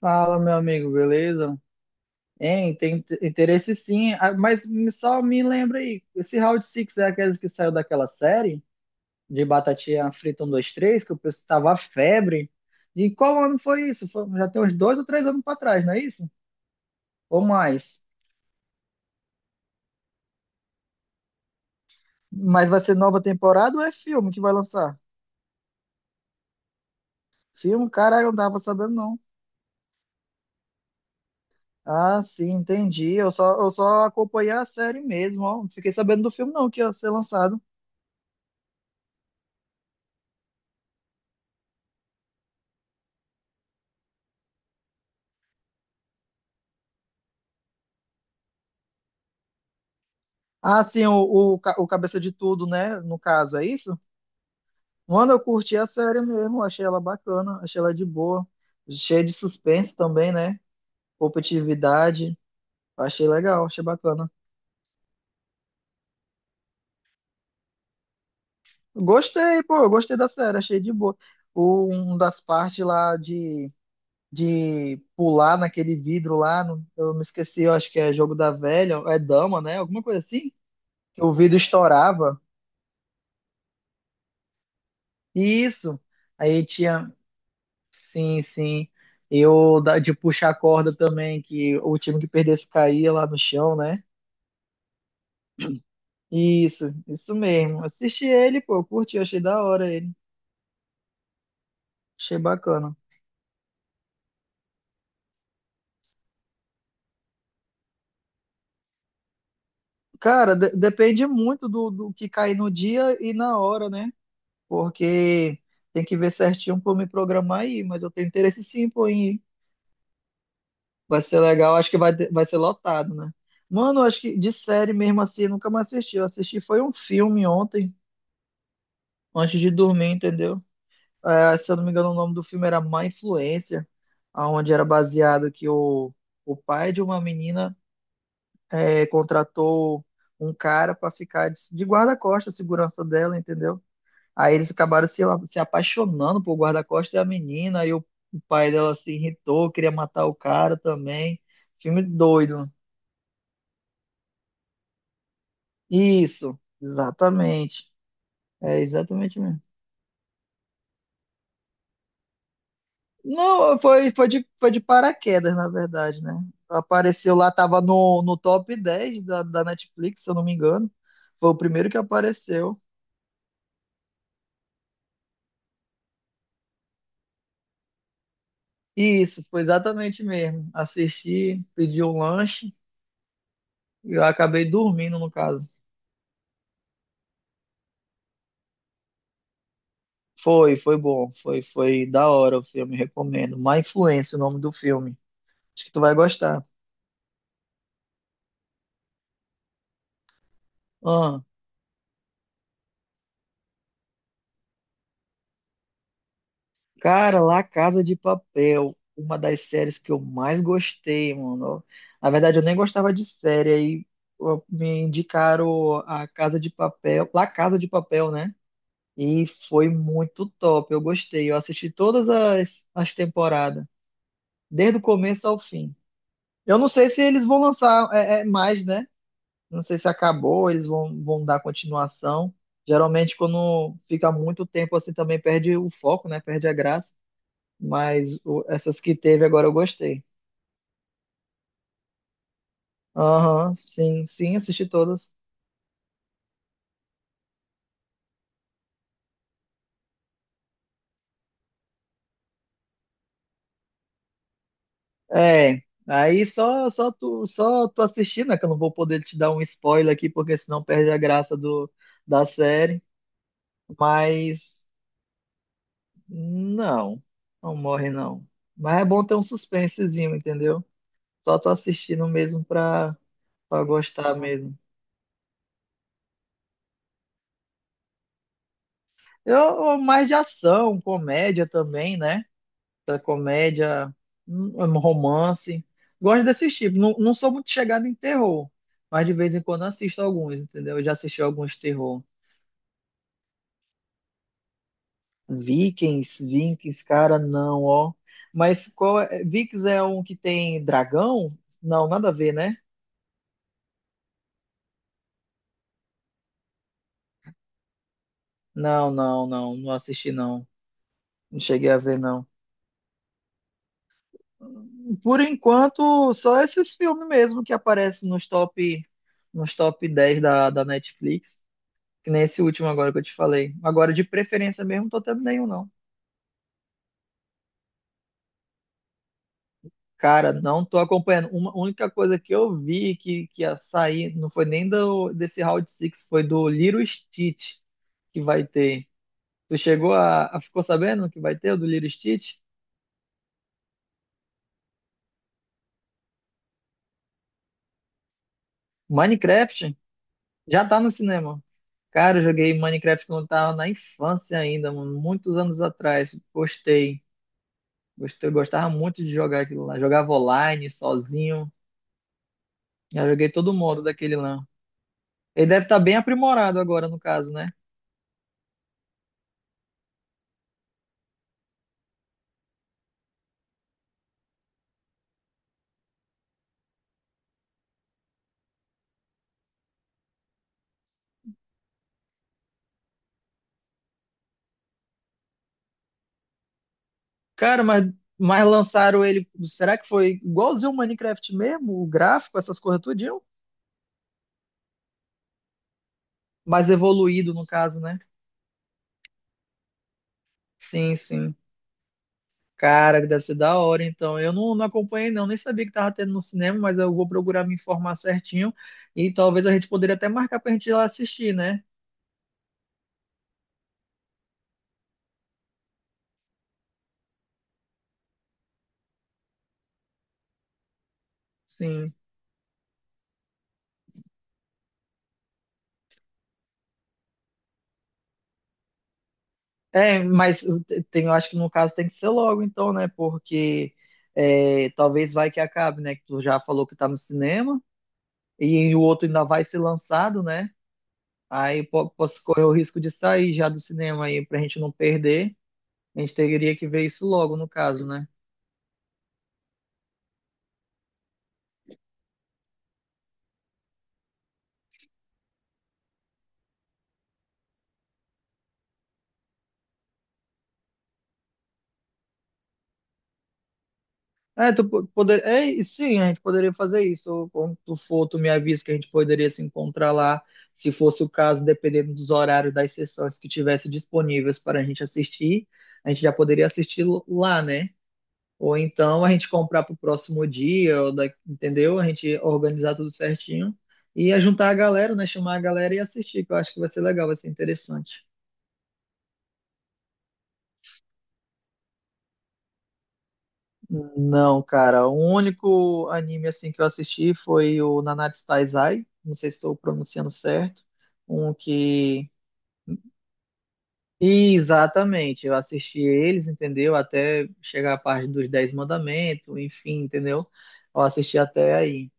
Fala, meu amigo, beleza? Hein, tem interesse sim. Ah, mas só me lembra aí, esse Round Six é aquele que saiu daquela série de batatinha frita 1, 2, 3, que o pessoal tava à febre. E qual ano foi isso? Já tem uns 2 ou 3 anos pra trás, não é isso? Ou mais? Mas vai ser nova temporada ou é filme que vai lançar? Filme? Caralho, eu não tava sabendo não. Ah, sim, entendi. Eu só acompanhei a série mesmo, ó. Não fiquei sabendo do filme não, que ia ser lançado. Ah, sim, o Cabeça de Tudo, né? No caso, é isso? Mano, eu curti a série mesmo, achei ela bacana, achei ela de boa, cheia de suspense também, né? Competitividade, achei legal, achei bacana. Gostei, pô, eu gostei da série, achei de boa. Um das partes lá de pular naquele vidro lá, eu me esqueci, eu acho que é jogo da velha, é dama, né? Alguma coisa assim, que o vidro estourava. Isso. Aí tinha. Sim, sim. Eu de puxar a corda também, que o time que perdesse caía lá no chão, né? Isso mesmo. Assisti ele, pô, eu curti, achei da hora ele. Achei bacana. Cara, depende muito do que cair no dia e na hora, né? Porque tem que ver certinho pra eu me programar aí, mas eu tenho interesse sim, pô, em ir. Vai ser legal, acho que vai, vai ser lotado, né? Mano, acho que de série mesmo assim, eu nunca mais assisti. Eu assisti foi um filme ontem, antes de dormir, entendeu? É, se eu não me engano, o nome do filme era Má Influência, aonde era baseado que o pai de uma menina contratou um cara para ficar de guarda-costas, segurança dela, entendeu? Aí eles acabaram se apaixonando por guarda-costas da menina, aí o pai dela se irritou, queria matar o cara também. Filme doido. Isso, exatamente. É exatamente mesmo. Não, foi de paraquedas, na verdade, né? Apareceu lá, tava no top 10 da Netflix, se eu não me engano. Foi o primeiro que apareceu. E isso, foi exatamente mesmo. Assisti, pedi um lanche e eu acabei dormindo, no caso. Foi, foi bom. Foi, foi da hora o filme, recomendo. Má Influência, o nome do filme. Acho que tu vai gostar. Ah, cara, La Casa de Papel, uma das séries que eu mais gostei, mano. Na verdade, eu nem gostava de série, aí ó, me indicaram a Casa de Papel, La Casa de Papel, né? E foi muito top, eu gostei. Eu assisti todas as temporadas, desde o começo ao fim. Eu não sei se eles vão lançar mais, né? Não sei se acabou, eles vão dar continuação. Geralmente, quando fica muito tempo assim, também perde o foco, né? Perde a graça, mas essas que teve agora eu gostei. Aham, sim, sim, assisti todas. É, aí só, só tu assistir, né? Que eu não vou poder te dar um spoiler aqui, porque senão perde a graça da série. Mas não, não morre não. Mas é bom ter um suspensezinho, entendeu? Só tô assistindo mesmo pra gostar mesmo. Eu mais de ação, comédia também, né? Comédia, um romance. Gosto desses tipos. Não, não sou muito chegado em terror, mas de vez em quando assisto alguns, entendeu? Eu já assisti alguns terror. Vikings, Vikings, cara, não, ó. Mas qual é? Vikings é um que tem dragão? Não, nada a ver, né? Não, não, não, não assisti não. Não cheguei a ver não. Por enquanto, só esses filmes mesmo que aparecem nos top 10 da Netflix. Que nem esse último agora que eu te falei. Agora, de preferência mesmo, não tô tendo nenhum, não. Cara, não tô acompanhando. Uma única coisa que eu vi que ia sair, não foi nem desse Round Six, foi do Lilo Stitch que vai ter. Tu ficou sabendo que vai ter o do Lilo Stitch? Minecraft já tá no cinema. Cara, eu joguei Minecraft quando eu tava na infância ainda, mano, muitos anos atrás. Gostei. Gostei, eu gostava muito de jogar aquilo lá. Jogava online, sozinho. Já joguei todo o modo daquele lá. Ele deve estar bem aprimorado agora, no caso, né? Cara, mas lançaram ele. Será que foi igualzinho o Minecraft mesmo? O gráfico, essas coisas tudinho? Mais evoluído, no caso, né? Sim, sim. Cara, que deve ser da hora, então. Eu não, não acompanhei, não. Nem sabia que tava tendo no cinema, mas eu vou procurar me informar certinho. E talvez a gente poderia até marcar pra gente ir lá assistir, né? Sim. É, mas tem, eu acho que no caso tem que ser logo, então, né? Porque é, talvez vai que acabe, né? Que tu já falou que tá no cinema. E o outro ainda vai ser lançado, né? Aí posso correr o risco de sair já do cinema aí pra gente não perder. A gente teria que ver isso logo, no caso, né? É, tu poder, é, e sim, a gente poderia fazer isso. Ou quando tu for, tu me avisa que a gente poderia se encontrar lá, se fosse o caso, dependendo dos horários das sessões que tivesse disponíveis para a gente assistir, a gente já poderia assistir lá, né? Ou então a gente comprar para o próximo dia, ou entendeu? A gente organizar tudo certinho e ajuntar a galera, né? Chamar a galera e assistir, que eu acho que vai ser legal, vai ser interessante. Não, cara, o único anime assim que eu assisti foi o Nanatsu Taizai, não sei se estou pronunciando certo, um que. Exatamente, eu assisti eles, entendeu? Até chegar a parte dos Dez Mandamentos, enfim, entendeu? Eu assisti até aí.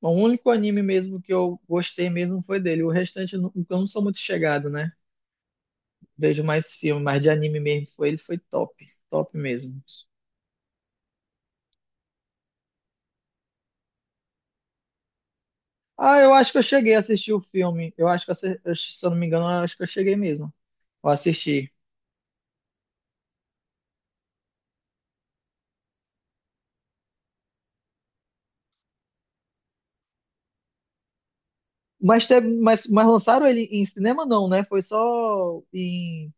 Bom, o único anime mesmo que eu gostei mesmo foi dele. O restante eu não sou muito chegado, né? Vejo mais filme, mas de anime mesmo foi ele, foi top, top mesmo. Ah, eu acho que eu cheguei a assistir o filme. Eu acho que, se eu não me engano, eu acho que eu cheguei mesmo. Eu assisti. Mas, teve, mas lançaram ele em cinema, não, né? Foi só em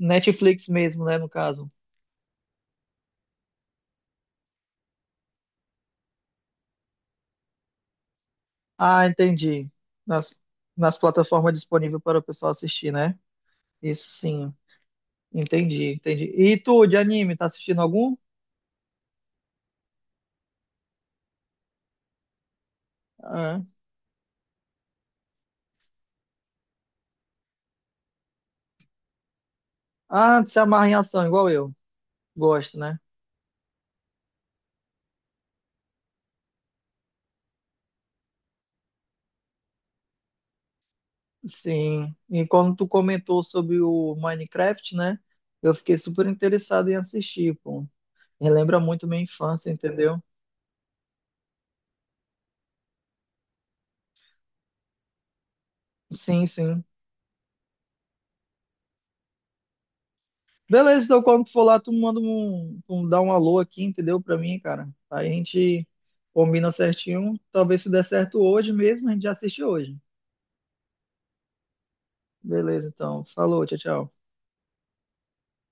Netflix mesmo, né? No caso. Ah, entendi. Nas, nas plataformas disponíveis para o pessoal assistir, né? Isso sim. Entendi, entendi. E tu, de anime, tá assistindo algum? É. Ah, tu se amarra em ação, igual eu. Gosto, né? Sim. E quando tu comentou sobre o Minecraft, né? Eu fiquei super interessado em assistir, pô. Relembra muito minha infância, entendeu? Sim, sim. Beleza, então quando tu for lá, tu manda um, tu dá um alô aqui, entendeu? Pra mim, cara. Aí a gente combina certinho. Talvez se der certo hoje mesmo, a gente já assiste hoje. Beleza, então. Falou, tchau, tchau.